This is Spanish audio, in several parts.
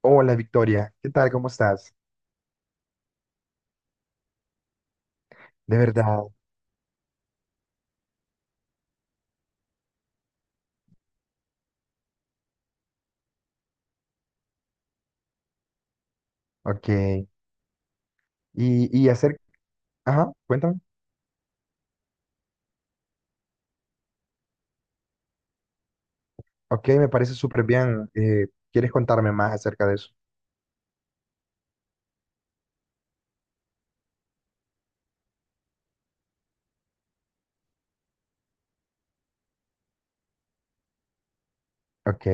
Hola Victoria, ¿qué tal? ¿Cómo estás? De verdad, ok. Y, y acerca, ajá, cuéntame. Ok, me parece súper bien. ¿Quieres contarme más acerca de eso? Ok.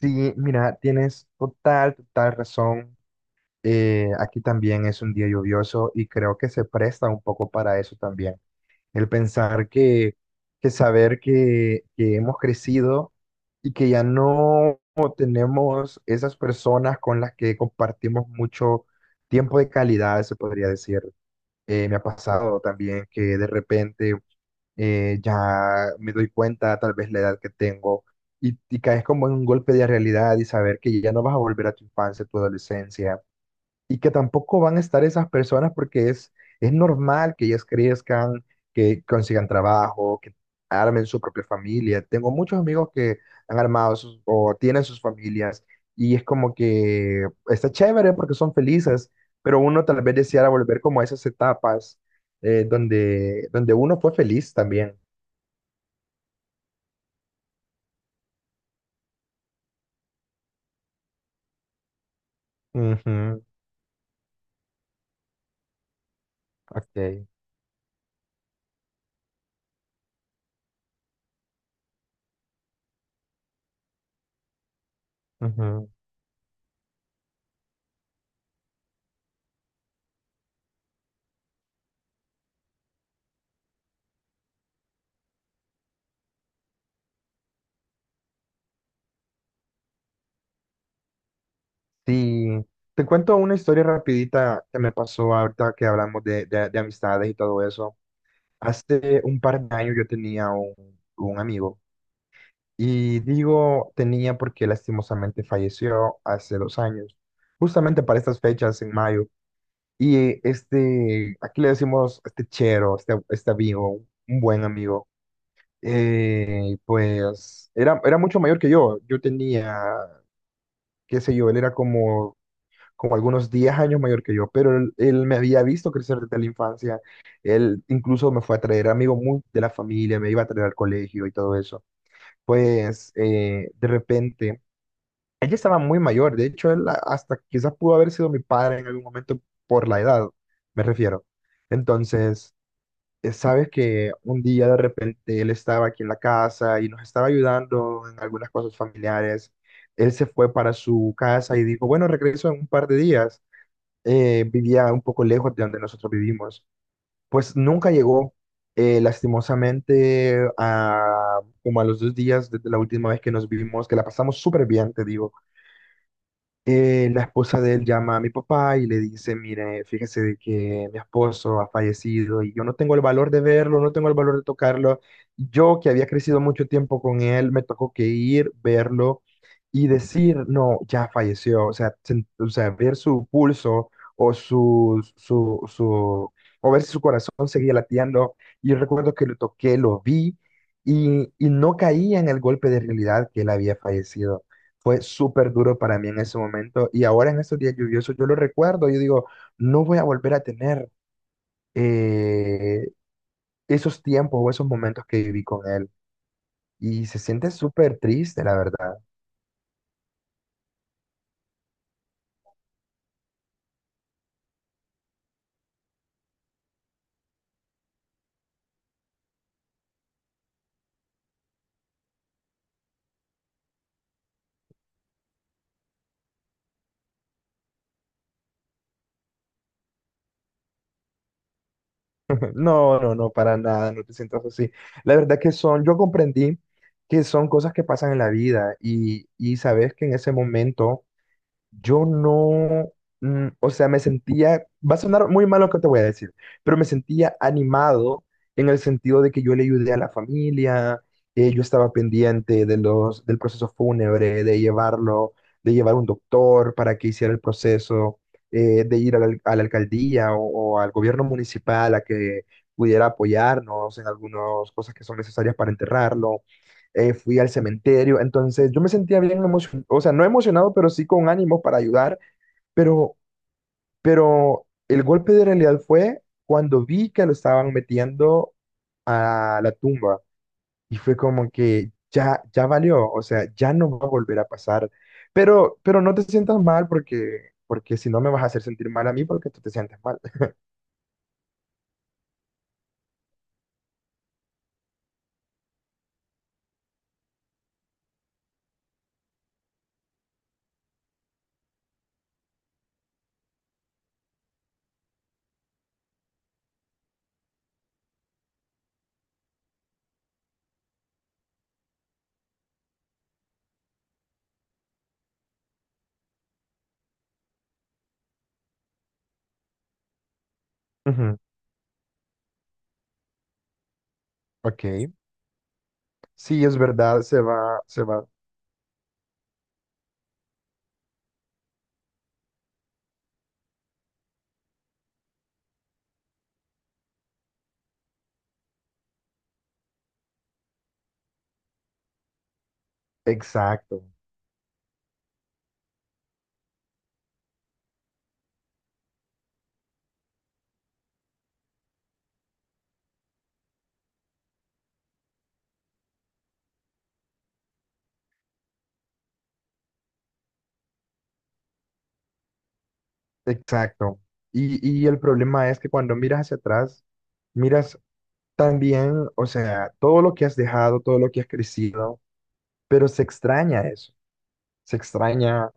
Sí, mira, tienes total, total razón. Aquí también es un día lluvioso y creo que se presta un poco para eso también. El pensar que saber que hemos crecido y que ya no tenemos esas personas con las que compartimos mucho tiempo de calidad, se podría decir. Me ha pasado también que de repente ya me doy cuenta, tal vez la edad que tengo, y caes como en un golpe de realidad y saber que ya no vas a volver a tu infancia, tu adolescencia y que tampoco van a estar esas personas porque es normal que ellas crezcan, que consigan trabajo, que armen su propia familia. Tengo muchos amigos que han armado o tienen sus familias y es como que está chévere porque son felices, pero uno tal vez deseara volver como a esas etapas donde uno fue feliz también. Ujú, ok, ujú. Sí, te cuento una historia rapidita que me pasó ahorita que hablamos de amistades y todo eso. Hace un par de años yo tenía un amigo y digo tenía porque lastimosamente falleció hace 2 años, justamente para estas fechas en mayo. Y este, aquí le decimos este chero, este amigo, un buen amigo, pues era mucho mayor que yo. Yo tenía, qué sé yo, él era como algunos 10 años mayor que yo, pero él me había visto crecer desde la infancia. Él incluso me fue a traer amigos muy de la familia, me iba a traer al colegio y todo eso. Pues de repente, ella estaba muy mayor, de hecho él hasta quizás pudo haber sido mi padre en algún momento por la edad, me refiero. Entonces, sabes que un día de repente él estaba aquí en la casa y nos estaba ayudando en algunas cosas familiares. Él se fue para su casa y dijo, bueno, regreso en un par de días vivía un poco lejos de donde nosotros vivimos. Pues nunca llegó, lastimosamente, como a los 2 días desde la última vez que nos vivimos, que la pasamos súper bien, te digo la esposa de él llama a mi papá y le dice, mire, fíjese de que mi esposo ha fallecido y yo no tengo el valor de verlo, no tengo el valor de tocarlo. Yo que había crecido mucho tiempo con él, me tocó que ir, verlo y decir, no, ya falleció. O sea, ver su pulso o su, su, su, o ver si su corazón seguía latiendo. Y yo recuerdo que lo toqué, lo vi y no caía en el golpe de realidad que él había fallecido. Fue súper duro para mí en ese momento y ahora en estos días lluviosos yo lo recuerdo, yo digo, no voy a volver a tener eh, esos tiempos o esos momentos que viví con él. Y se siente súper triste, la verdad. No, no, no, para nada, no te sientas así. La verdad que son, yo comprendí que son cosas que pasan en la vida y sabes que en ese momento yo no, o sea, me sentía, va a sonar muy mal lo que te voy a decir, pero me sentía animado en el sentido de que yo le ayudé a la familia, yo estaba pendiente del proceso fúnebre, de llevarlo, de llevar un doctor para que hiciera el proceso, de ir a la alcaldía o al gobierno municipal a que pudiera apoyarnos en algunas cosas que son necesarias para enterrarlo fui al cementerio, entonces yo me sentía bien emocionado, o sea, no emocionado, pero sí con ánimo para ayudar, pero, pero el golpe de realidad fue cuando vi que lo estaban metiendo a la tumba y fue como que ya, ya valió, o sea, ya no va a volver a pasar, pero no te sientas mal porque si no me vas a hacer sentir mal a mí porque tú te sientes mal. Ujú, ok, sí, es verdad, se va, exacto. Exacto. Y, y el problema es que cuando miras hacia atrás, miras también, o sea, todo lo que has dejado, todo lo que has crecido, pero se extraña eso. Se extraña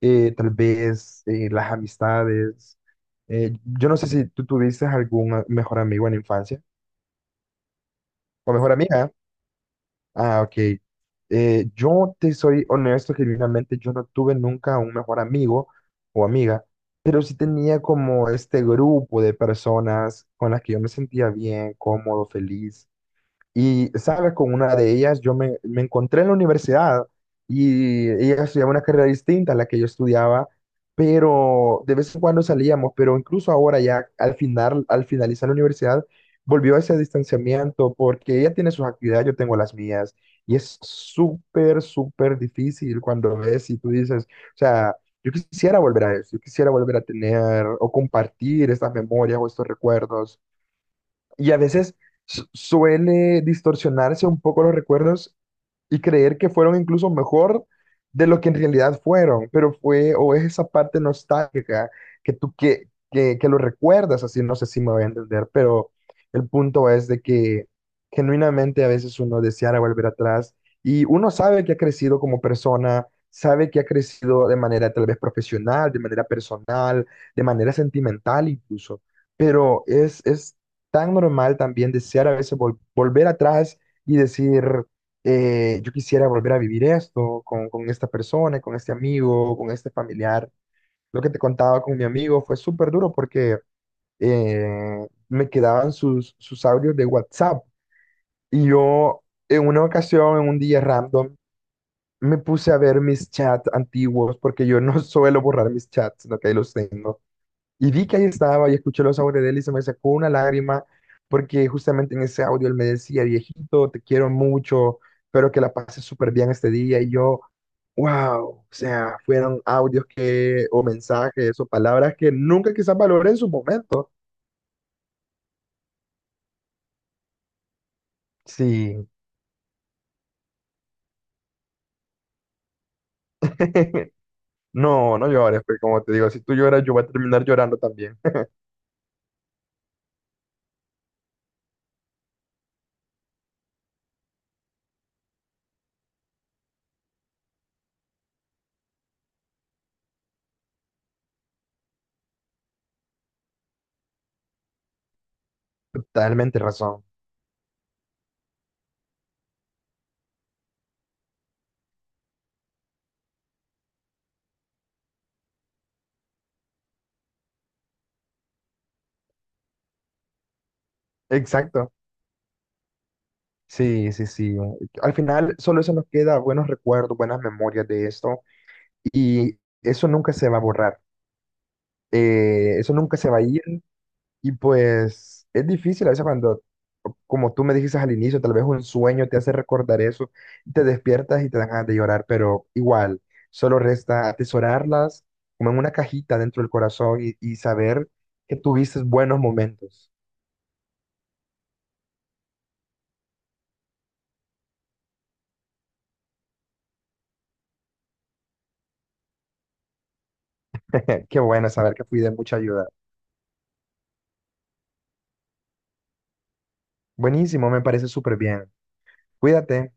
tal vez las amistades. Yo no sé si tú tuviste algún mejor amigo en la infancia o mejor amiga. Ah, ok. Yo te soy honesto, genuinamente, yo no tuve nunca un mejor amigo o amiga, pero sí tenía como este grupo de personas con las que yo me sentía bien, cómodo, feliz. Y, ¿sabes? Con una de ellas yo me encontré en la universidad y ella estudiaba una carrera distinta a la que yo estudiaba, pero de vez en cuando salíamos, pero incluso ahora ya al final, al finalizar la universidad, volvió a ese distanciamiento porque ella tiene sus actividades, yo tengo las mías. Y es súper, súper difícil cuando ves y tú dices, o sea, yo quisiera volver a eso, yo quisiera volver a tener o compartir estas memorias o estos recuerdos y a veces suele distorsionarse un poco los recuerdos y creer que fueron incluso mejor de lo que en realidad fueron, pero fue o es esa parte nostálgica que tú que lo recuerdas, así no sé si me voy a entender, pero el punto es de que genuinamente a veces uno deseara volver atrás y uno sabe que ha crecido como persona, sabe que ha crecido de manera tal vez profesional, de manera personal, de manera sentimental incluso, pero es tan normal también desear a veces volver atrás y decir yo quisiera volver a vivir esto con esta persona, con este amigo, con este familiar. Lo que te contaba con mi amigo fue súper duro porque me quedaban sus audios de WhatsApp y yo en una ocasión, en un día random, me puse a ver mis chats antiguos porque yo no suelo borrar mis chats, sino que ahí los tengo. Y vi que ahí estaba y escuché los audios de él y se me sacó una lágrima porque justamente en ese audio él me decía, viejito, te quiero mucho, espero que la pases súper bien este día. Y yo, wow, o sea, fueron audios que, o mensajes o palabras que nunca quizás valoré en su momento. Sí. No, no llores, pues como te digo, si tú lloras, yo voy a terminar llorando también. Totalmente razón. Exacto. Sí, sí, sí. Al final solo eso nos queda buenos recuerdos, buenas memorias de esto. Y eso nunca se va a borrar, eso nunca se va a ir y pues es difícil a veces cuando, como tú me dijiste al inicio, tal vez un sueño te hace recordar eso, y te despiertas y te dan ganas de llorar, pero igual, solo resta atesorarlas como en una cajita dentro del corazón y saber que tuviste buenos momentos. Qué bueno saber que fui de mucha ayuda. Buenísimo, me parece súper bien. Cuídate.